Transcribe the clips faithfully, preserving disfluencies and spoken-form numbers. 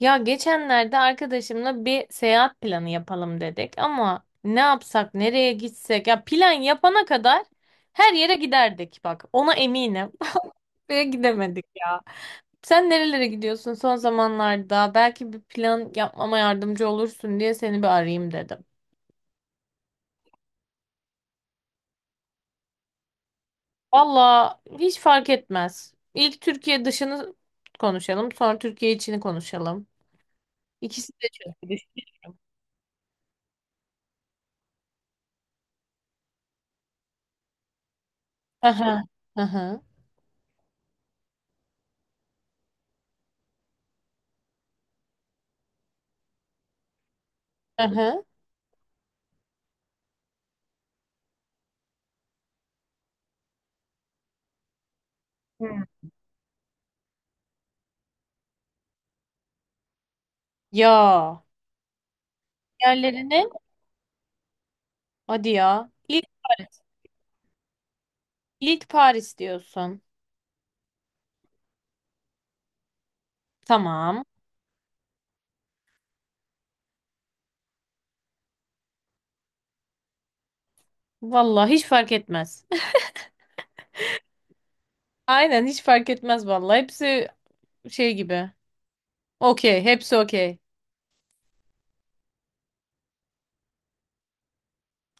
Ya geçenlerde arkadaşımla bir seyahat planı yapalım dedik ama ne yapsak, nereye gitsek? Ya plan yapana kadar her yere giderdik bak. Ona eminim. Ve gidemedik ya. Sen nerelere gidiyorsun son zamanlarda? Belki bir plan yapmama yardımcı olursun diye seni bir arayayım dedim. Valla hiç fark etmez. İlk Türkiye dışını konuşalım, sonra Türkiye içini konuşalım. İkisi de çok iyi. Aha. Aha. Aha. Hı. Ya. Yerlerini hadi ya. İlk Paris. İlk Paris diyorsun. Tamam. Vallahi hiç fark etmez. Aynen hiç fark etmez vallahi. Hepsi şey gibi. Okey. Hepsi okey.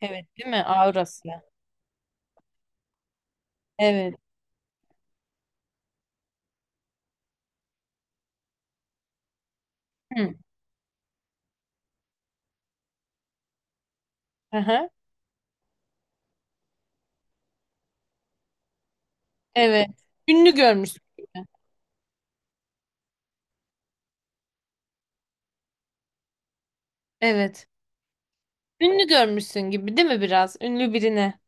Evet değil mi? Avrasya. Evet. Hı. Aha. Evet. Ünlü görmüşsün gibi. Evet. Ünlü görmüşsün gibi değil mi biraz? Ünlü birine.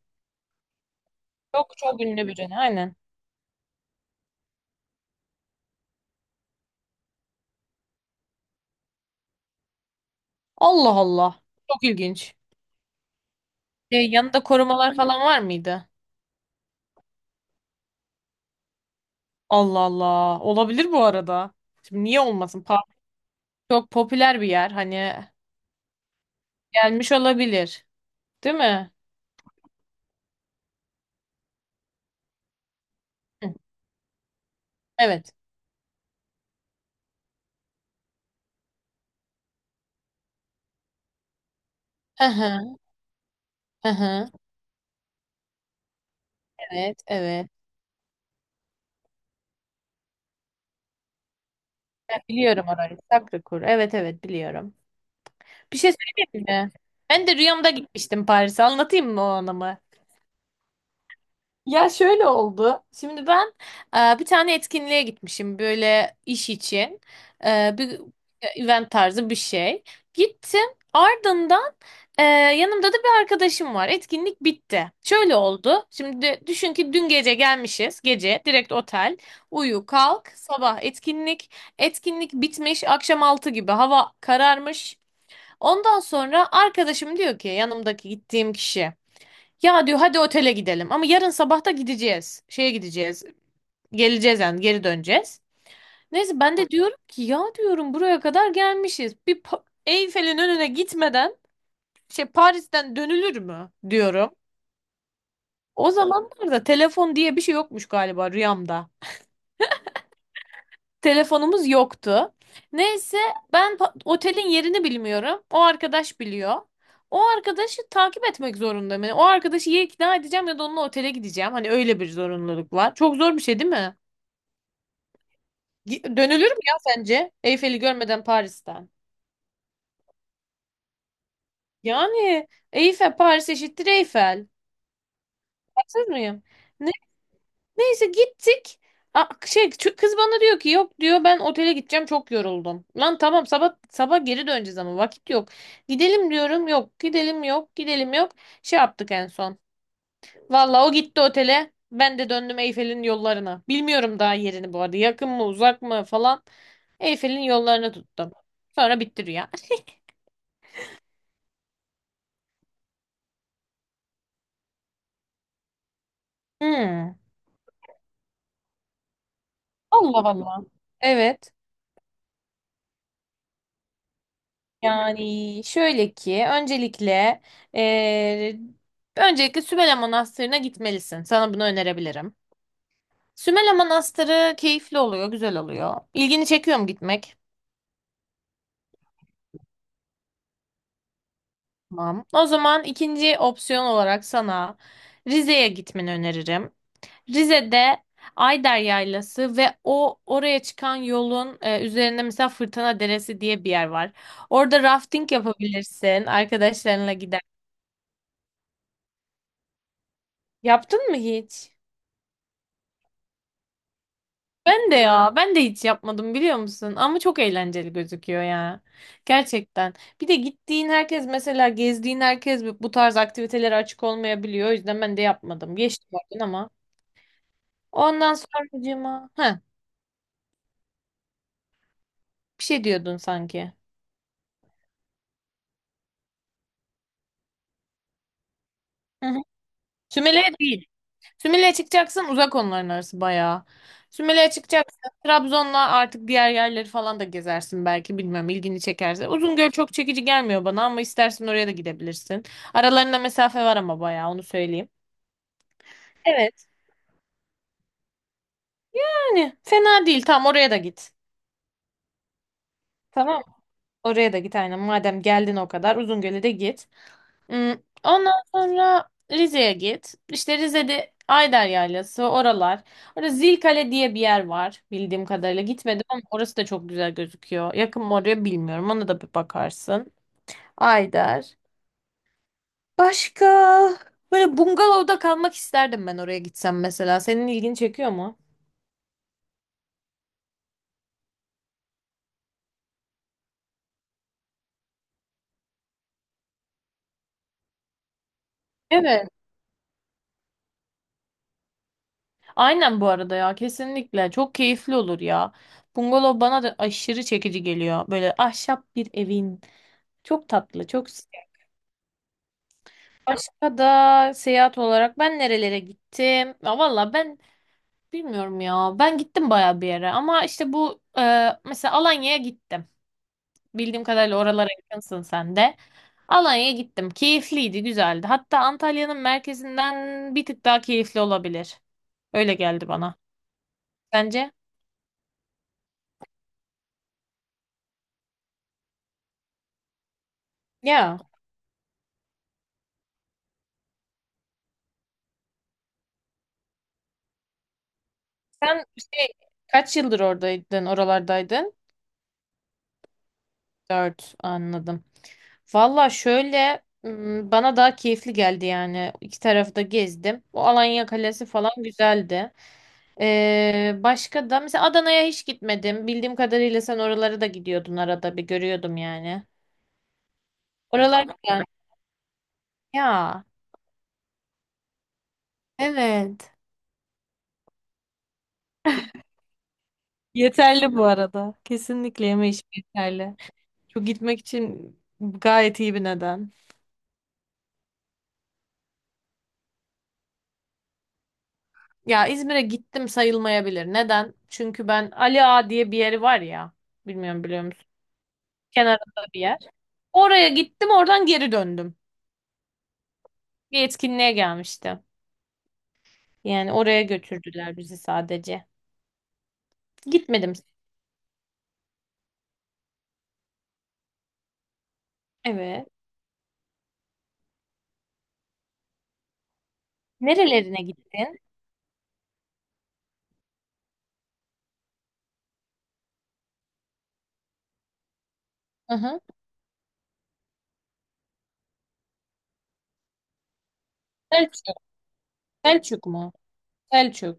Çok çok ünlü birine. Aynen. Allah Allah. Çok ilginç. Şey, yanında korumalar falan var mıydı? Allah Allah. Olabilir bu arada. Şimdi niye olmasın? Çok popüler bir yer. Hani gelmiş olabilir. Değil mi? Hı, evet. Aha, aha. Evet, evet. Ben biliyorum orayı. Sacré-Cœur. Evet, evet biliyorum. Bir şey söyleyeyim mi? Ben de rüyamda gitmiştim Paris'e. Anlatayım mı onu mı? Ya şöyle oldu. Şimdi ben e, bir tane etkinliğe gitmişim böyle iş için. E, bir e, event tarzı bir şey. Gittim. Ardından e, yanımda da bir arkadaşım var. Etkinlik bitti. Şöyle oldu. Şimdi düşün ki dün gece gelmişiz. Gece direkt otel. Uyu kalk. Sabah etkinlik. Etkinlik bitmiş. Akşam altı gibi hava kararmış. Ondan sonra arkadaşım diyor ki yanımdaki gittiğim kişi. Ya diyor hadi otele gidelim ama yarın sabah da gideceğiz. Şeye gideceğiz. Geleceğiz yani geri döneceğiz. Neyse ben de diyorum ki ya diyorum buraya kadar gelmişiz. Bir Pa- Eyfel'in önüne gitmeden şey Paris'ten dönülür mü diyorum. O zamanlarda telefon diye bir şey yokmuş galiba rüyamda. Telefonumuz yoktu. Neyse ben pa- otelin yerini bilmiyorum. O arkadaş biliyor. O arkadaşı takip etmek zorundayım. Yani o arkadaşı ya ikna edeceğim ya da onunla otele gideceğim. Hani öyle bir zorunluluk var. Çok zor bir şey değil mi? Gi- Dönülür mü ya sence? Eyfel'i görmeden Paris'ten. Yani Eyfel Paris eşittir Eyfel. Haksız mıyım? Neyse gittik. A- şey ç- kız bana diyor ki yok diyor ben otele gideceğim çok yoruldum. Lan tamam sabah sabah geri döneceğiz ama vakit yok. Gidelim diyorum yok gidelim yok gidelim yok. Şey yaptık en son. Valla o gitti otele. Ben de döndüm Eyfel'in yollarına. Bilmiyorum daha yerini bu arada. Yakın mı uzak mı falan. Eyfel'in yollarını tuttum. Sonra bitti rüya. Hmm. Allah Allah. Evet. Yani şöyle ki öncelikle eee, öncelikle Sümele Manastırı'na gitmelisin. Sana bunu önerebilirim. Sümele Manastırı keyifli oluyor, güzel oluyor. İlgini çekiyor mu gitmek? Tamam. O zaman ikinci opsiyon olarak sana Rize'ye gitmeni öneririm. Rize'de Ayder Yaylası ve o oraya çıkan yolun e, üzerinde mesela Fırtına Deresi diye bir yer var. Orada rafting yapabilirsin, arkadaşlarınla gider. Yaptın mı hiç? Ben de ya, ben de hiç yapmadım biliyor musun? Ama çok eğlenceli gözüküyor ya. Gerçekten. Bir de gittiğin herkes mesela gezdiğin herkes bu bu tarz aktivitelere açık olmayabiliyor. O yüzden ben de yapmadım. Geçtim oradan ama. Ondan sonracığıma. Heh, bir şey diyordun sanki. Hı hı. Sümele değil. Sümele çıkacaksın uzak onların arası bayağı. Sümele çıkacaksın Trabzon'la artık diğer yerleri falan da gezersin belki bilmem ilgini çekerse. Uzungöl çok çekici gelmiyor bana ama istersen oraya da gidebilirsin. Aralarında mesafe var ama bayağı onu söyleyeyim. Evet. Yani fena değil tamam oraya da git. Tamam. Oraya da git aynen madem geldin o kadar Uzungöl'e de git. Hmm, ondan sonra Rize'ye git. İşte Rize'de Ayder Yaylası, oralar. Orada Zilkale diye bir yer var bildiğim kadarıyla. Gitmedim ama orası da çok güzel gözüküyor. Yakın mı oraya bilmiyorum. Ona da bir bakarsın. Ayder. Başka? Böyle bungalovda kalmak isterdim ben oraya gitsem mesela. Senin ilgini çekiyor mu? Evet. Aynen bu arada ya kesinlikle. Çok keyifli olur ya. Bungalov bana da aşırı çekici geliyor. Böyle ahşap bir evin. Çok tatlı, çok. Başka da seyahat olarak ben nerelere gittim? Ya valla ben bilmiyorum ya. Ben gittim baya bir yere ama işte bu e, mesela Alanya'ya gittim. Bildiğim kadarıyla oralara yakınsın sen de. Alanya'ya gittim. Keyifliydi, güzeldi. Hatta Antalya'nın merkezinden bir tık daha keyifli olabilir. Öyle geldi bana. Sence? Ya sen şey kaç yıldır oradaydın, oralardaydın? Dört anladım. Valla şöyle m, bana daha keyifli geldi yani. İki tarafı da gezdim. O Alanya Kalesi falan güzeldi. Ee, başka da mesela Adana'ya hiç gitmedim. Bildiğim kadarıyla sen oralara da gidiyordun arada bir görüyordum yani. Oralar güzel. Ya evet. Yeterli bu arada. Kesinlikle yeme içme yeterli. Çok gitmek için gayet iyi bir neden. Ya İzmir'e gittim sayılmayabilir. Neden? Çünkü ben Ali Ağa diye bir yeri var ya. Bilmiyorum biliyor musun? Kenarında bir yer. Oraya gittim oradan geri döndüm. Bir etkinliğe gelmişti. Yani oraya götürdüler bizi sadece. Gitmedim. Evet. Nerelerine gittin? Hı hı. Selçuk. Selçuk mu? Selçuk.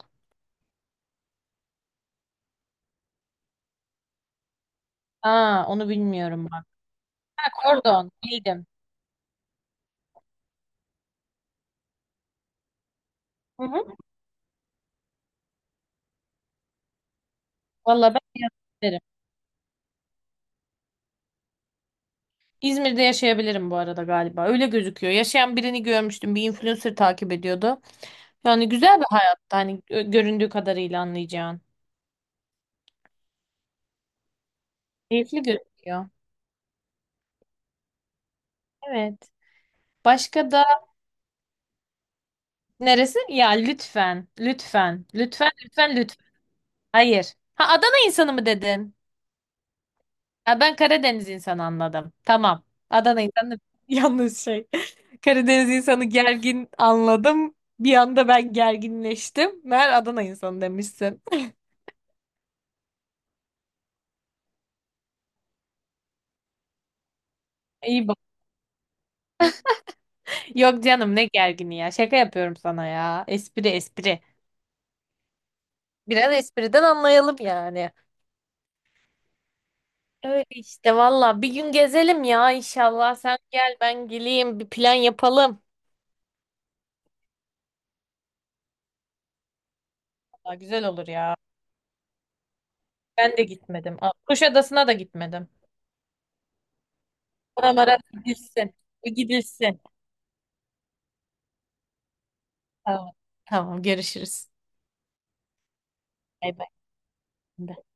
Aa onu bilmiyorum bak. Ha, Kordon. Bildim. Hı hı. Valla ben İzmir'de yaşayabilirim bu arada galiba. Öyle gözüküyor. Yaşayan birini görmüştüm. Bir influencer takip ediyordu. Yani güzel bir hayat. Hani ö- göründüğü kadarıyla anlayacağın. Keyifli gözüküyor. Evet. Başka da neresi? Ya lütfen. Lütfen. Lütfen. Lütfen. Lütfen. Hayır. Ha Adana insanı mı dedin? Ha, ben Karadeniz insanı anladım. Tamam. Adana insanı yalnız şey. Karadeniz insanı gergin anladım. Bir anda ben gerginleştim. Meğer Adana insanı demişsin. İyi. Yok canım ne gergini ya. Şaka yapıyorum sana ya. Espri espri. Biraz espriden anlayalım yani. Öyle işte valla. Bir gün gezelim ya inşallah. Sen gel ben geleyim. Bir plan yapalım. Valla güzel olur ya. Ben de gitmedim. Aa, Kuşadası'na da gitmedim. Oralara bir gidilsin. Bir gidilsin. Tamam. Tamam görüşürüz. Bay bay.